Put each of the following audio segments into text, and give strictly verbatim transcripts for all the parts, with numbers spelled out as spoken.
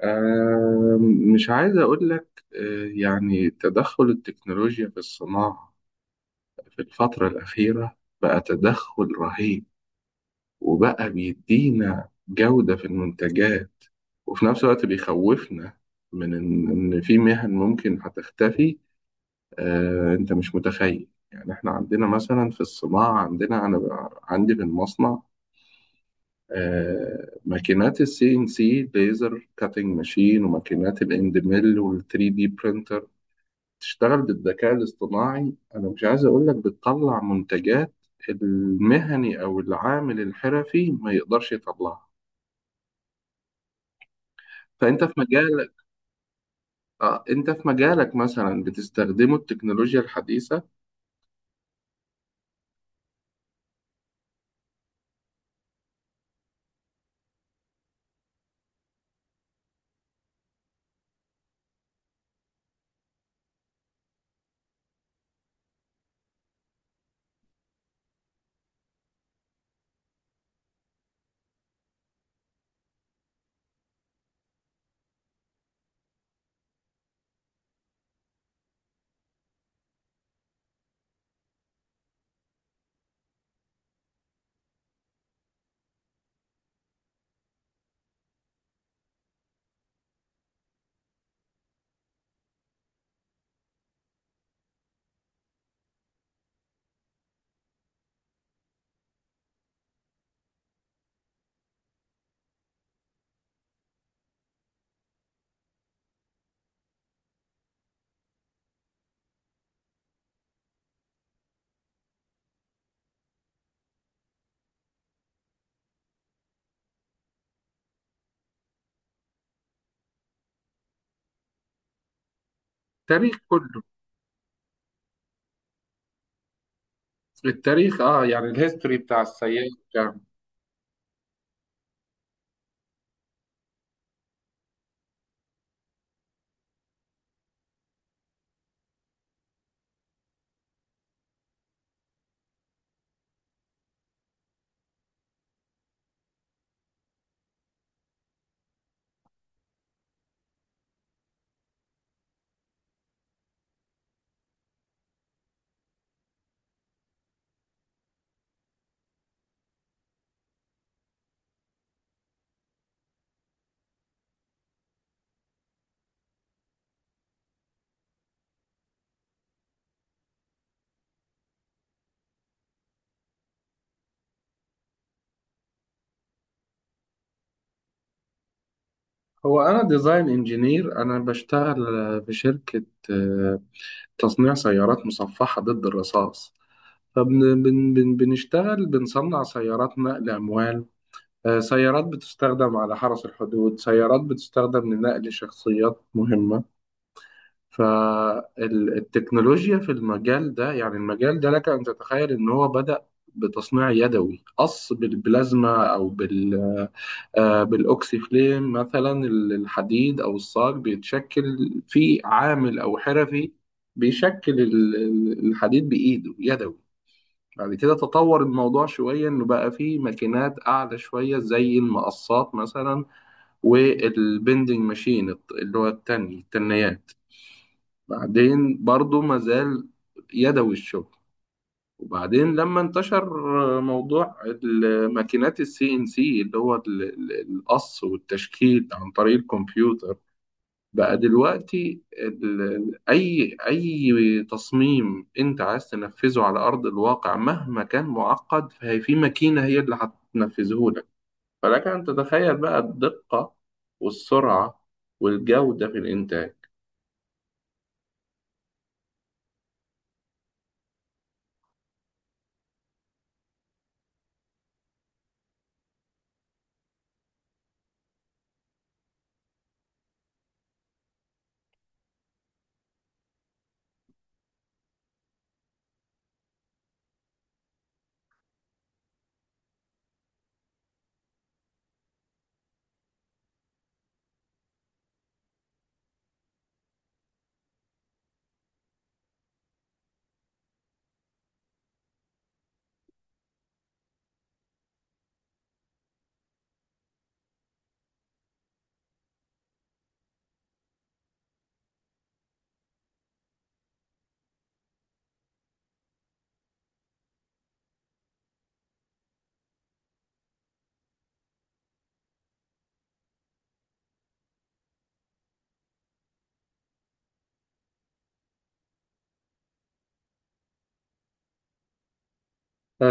آه، مش عايز أقول لك آه، يعني تدخل التكنولوجيا في الصناعة في الفترة الأخيرة بقى تدخل رهيب، وبقى بيدينا جودة في المنتجات، وفي نفس الوقت بيخوفنا من إن إن في مهن ممكن هتختفي. آه، أنت مش متخيل، يعني إحنا عندنا مثلا في الصناعة عندنا، أنا بقى- عندي في المصنع آه، ماكينات السي إن سي، ليزر كاتنج ماشين، وماكينات الاند ميل، وال3 دي تشتغل بالذكاء الاصطناعي. انا مش عايز اقول لك بتطلع منتجات المهني او العامل الحرفي ما يقدرش يطلعها. فانت في مجالك، آه، انت في مجالك مثلا بتستخدمه التكنولوجيا الحديثه؟ التاريخ كله، التاريخ اه يعني الهيستوري بتاع السيارة بتاع. هو انا ديزاين انجينير، انا بشتغل آه، في شركة، آه، تصنيع سيارات مصفحة ضد الرصاص. فبنشتغل بنصنع سيارات نقل اموال، آه، سيارات بتستخدم على حرس الحدود، سيارات بتستخدم لنقل شخصيات مهمة. فالتكنولوجيا في المجال ده، يعني المجال ده لك أن تتخيل إن هو بدأ بتصنيع يدوي، قص بالبلازما أو بال آه، بالأوكسيفليم مثلا. الحديد أو الصاج بيتشكل في عامل أو حرفي، بيشكل ال- الحديد بإيده يدوي. بعد كده تطور الموضوع شوية، إنه بقى فيه ماكينات أعلى شوية زي المقصات مثلا، والبندنج ماشين الت- اللي هو التني التنيات. بعدين برضو ما زال يدوي الشغل. وبعدين لما انتشر موضوع الماكينات السي ان سي، اللي هو ال- ال- القص والتشكيل عن طريق الكمبيوتر، بقى دلوقتي ال- ال- أي أي تصميم أنت عايز تنفذه على أرض الواقع، مهما كان معقد، فهي في ماكينة هي اللي هتنفذه لك. فلك أن تتخيل بقى الدقة والسرعة والجودة في الإنتاج.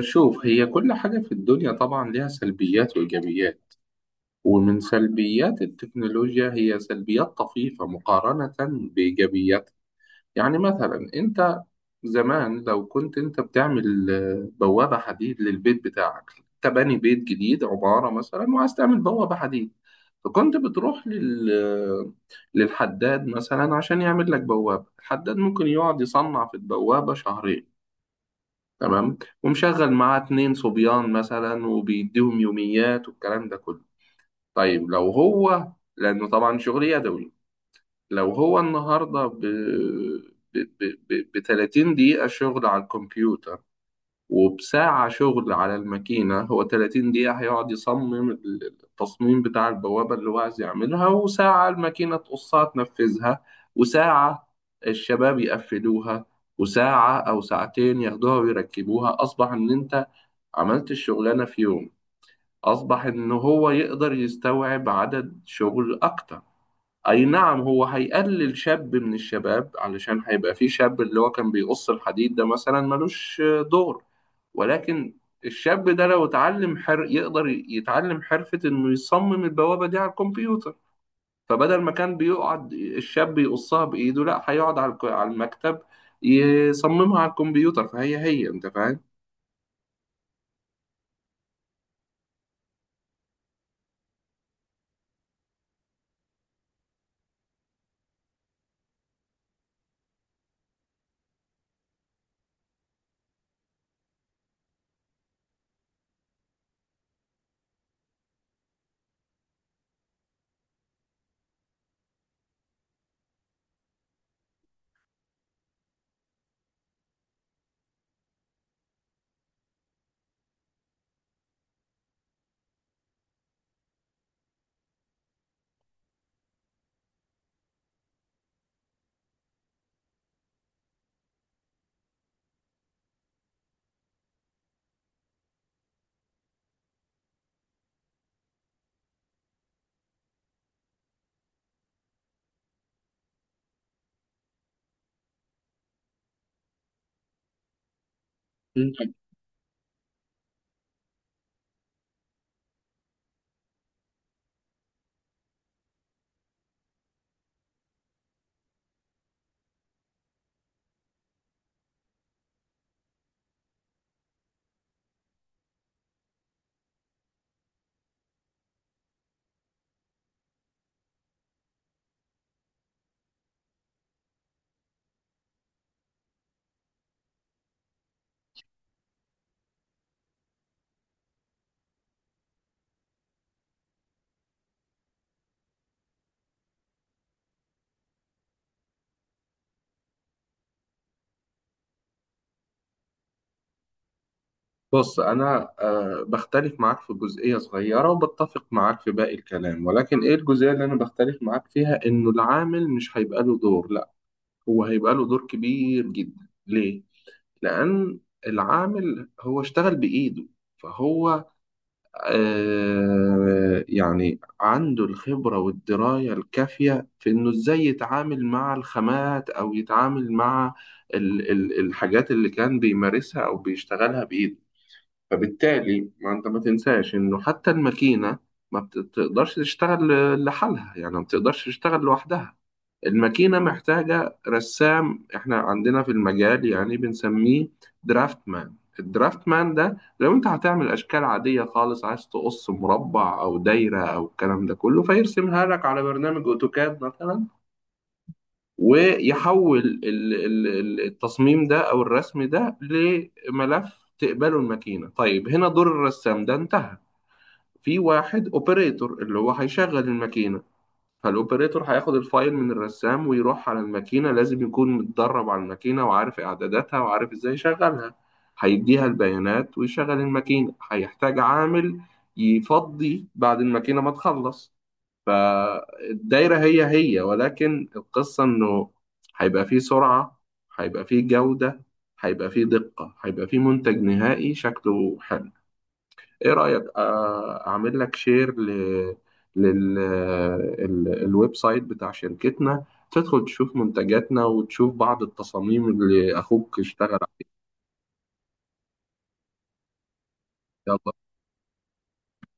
شوف، هي كل حاجة في الدنيا طبعا ليها سلبيات وإيجابيات، ومن سلبيات التكنولوجيا هي سلبيات طفيفة مقارنة بإيجابياتها. يعني مثلا أنت زمان لو كنت انت بتعمل آه، بوابة حديد للبيت بتاعك، انت باني بيت جديد عمارة مثلا وعايز تعمل بوابة حديد، فكنت بتروح لل آه، للحداد مثلا عشان يعمل لك بوابة. الحداد ممكن يقعد يصنع في البوابة شهرين، تمام، ومشغل معاه اتنين صبيان مثلا وبيديهم يوميات والكلام ده كله. طيب لو هو، لأنه طبعا شغل يدوي، لو هو النهاردة ب ب تلاتين دقيقة شغل على الكمبيوتر وبساعة شغل على الماكينة، هو تلاتين دقيقة هيقعد يصمم التصميم بتاع البوابة اللي هو عايز يعملها، وساعة الماكينة تقصها تنفذها، وساعة الشباب يقفلوها، وساعة أو ساعتين ياخدوها ويركبوها، أصبح إن أنت عملت الشغلانة في يوم. أصبح إن هو يقدر يستوعب عدد شغل أكتر. أي نعم، هو هيقلل شاب من الشباب، علشان هيبقى في شاب اللي هو كان بيقص الحديد ده مثلا ملوش دور، ولكن الشاب ده لو اتعلم حر يقدر يتعلم حرفة انه يصمم البوابة دي على الكمبيوتر. فبدل ما كان بيقعد الشاب يقصها بإيده، لا، هيقعد على الك- على المكتب يصممها على الكمبيوتر. فهي هي، انت فاهم. مم. بص، أنا آه، بختلف معاك في جزئية صغيرة وبتفق معاك في باقي الكلام، ولكن إيه الجزئية اللي أنا بختلف معاك فيها؟ إنه العامل مش هيبقى له دور، لا، هو هيبقى له دور كبير جدا. ليه؟ لأن العامل هو اشتغل بإيده، فهو آه يعني عنده الخبرة والدراية الكافية في إنه إزاي يتعامل مع الخامات أو يتعامل مع ال ال الحاجات اللي كان بيمارسها أو بيشتغلها بإيده. فبالتالي ما أنت ما تنساش إنه حتى الماكينة ما بتقدرش تشتغل لحالها، يعني ما بتقدرش تشتغل لوحدها. الماكينة محتاجة رسام، احنا عندنا في المجال يعني بنسميه درافت مان. الدرافت مان ده لو انت هتعمل اشكال عادية خالص، عايز تقص مربع او دايرة او الكلام ده كله، فيرسمها لك على برنامج اوتوكاد مثلا، ويحول ال- ال- ال- التصميم ده او الرسم ده لملف تقبله الماكينة. طيب، هنا دور الرسام ده انتهى. في واحد اوبريتور اللي هو هيشغل الماكينة، فالاوبريتور هياخد الفايل من الرسام ويروح على الماكينة، لازم يكون متدرب على الماكينة وعارف اعداداتها وعارف ازاي يشغلها، هيديها البيانات ويشغل الماكينة. هيحتاج عامل يفضي بعد الماكينة ما تخلص. فالدايرة هي هي، ولكن القصة انه هيبقى فيه سرعة، هيبقى فيه جودة، هيبقى فيه دقة، هيبقى فيه منتج نهائي شكله حلو. ايه رأيك آه، اعمل لك شير ل للويب سايت بتاع شركتنا، تدخل تشوف منتجاتنا وتشوف بعض التصاميم اللي اخوك اشتغل عليها؟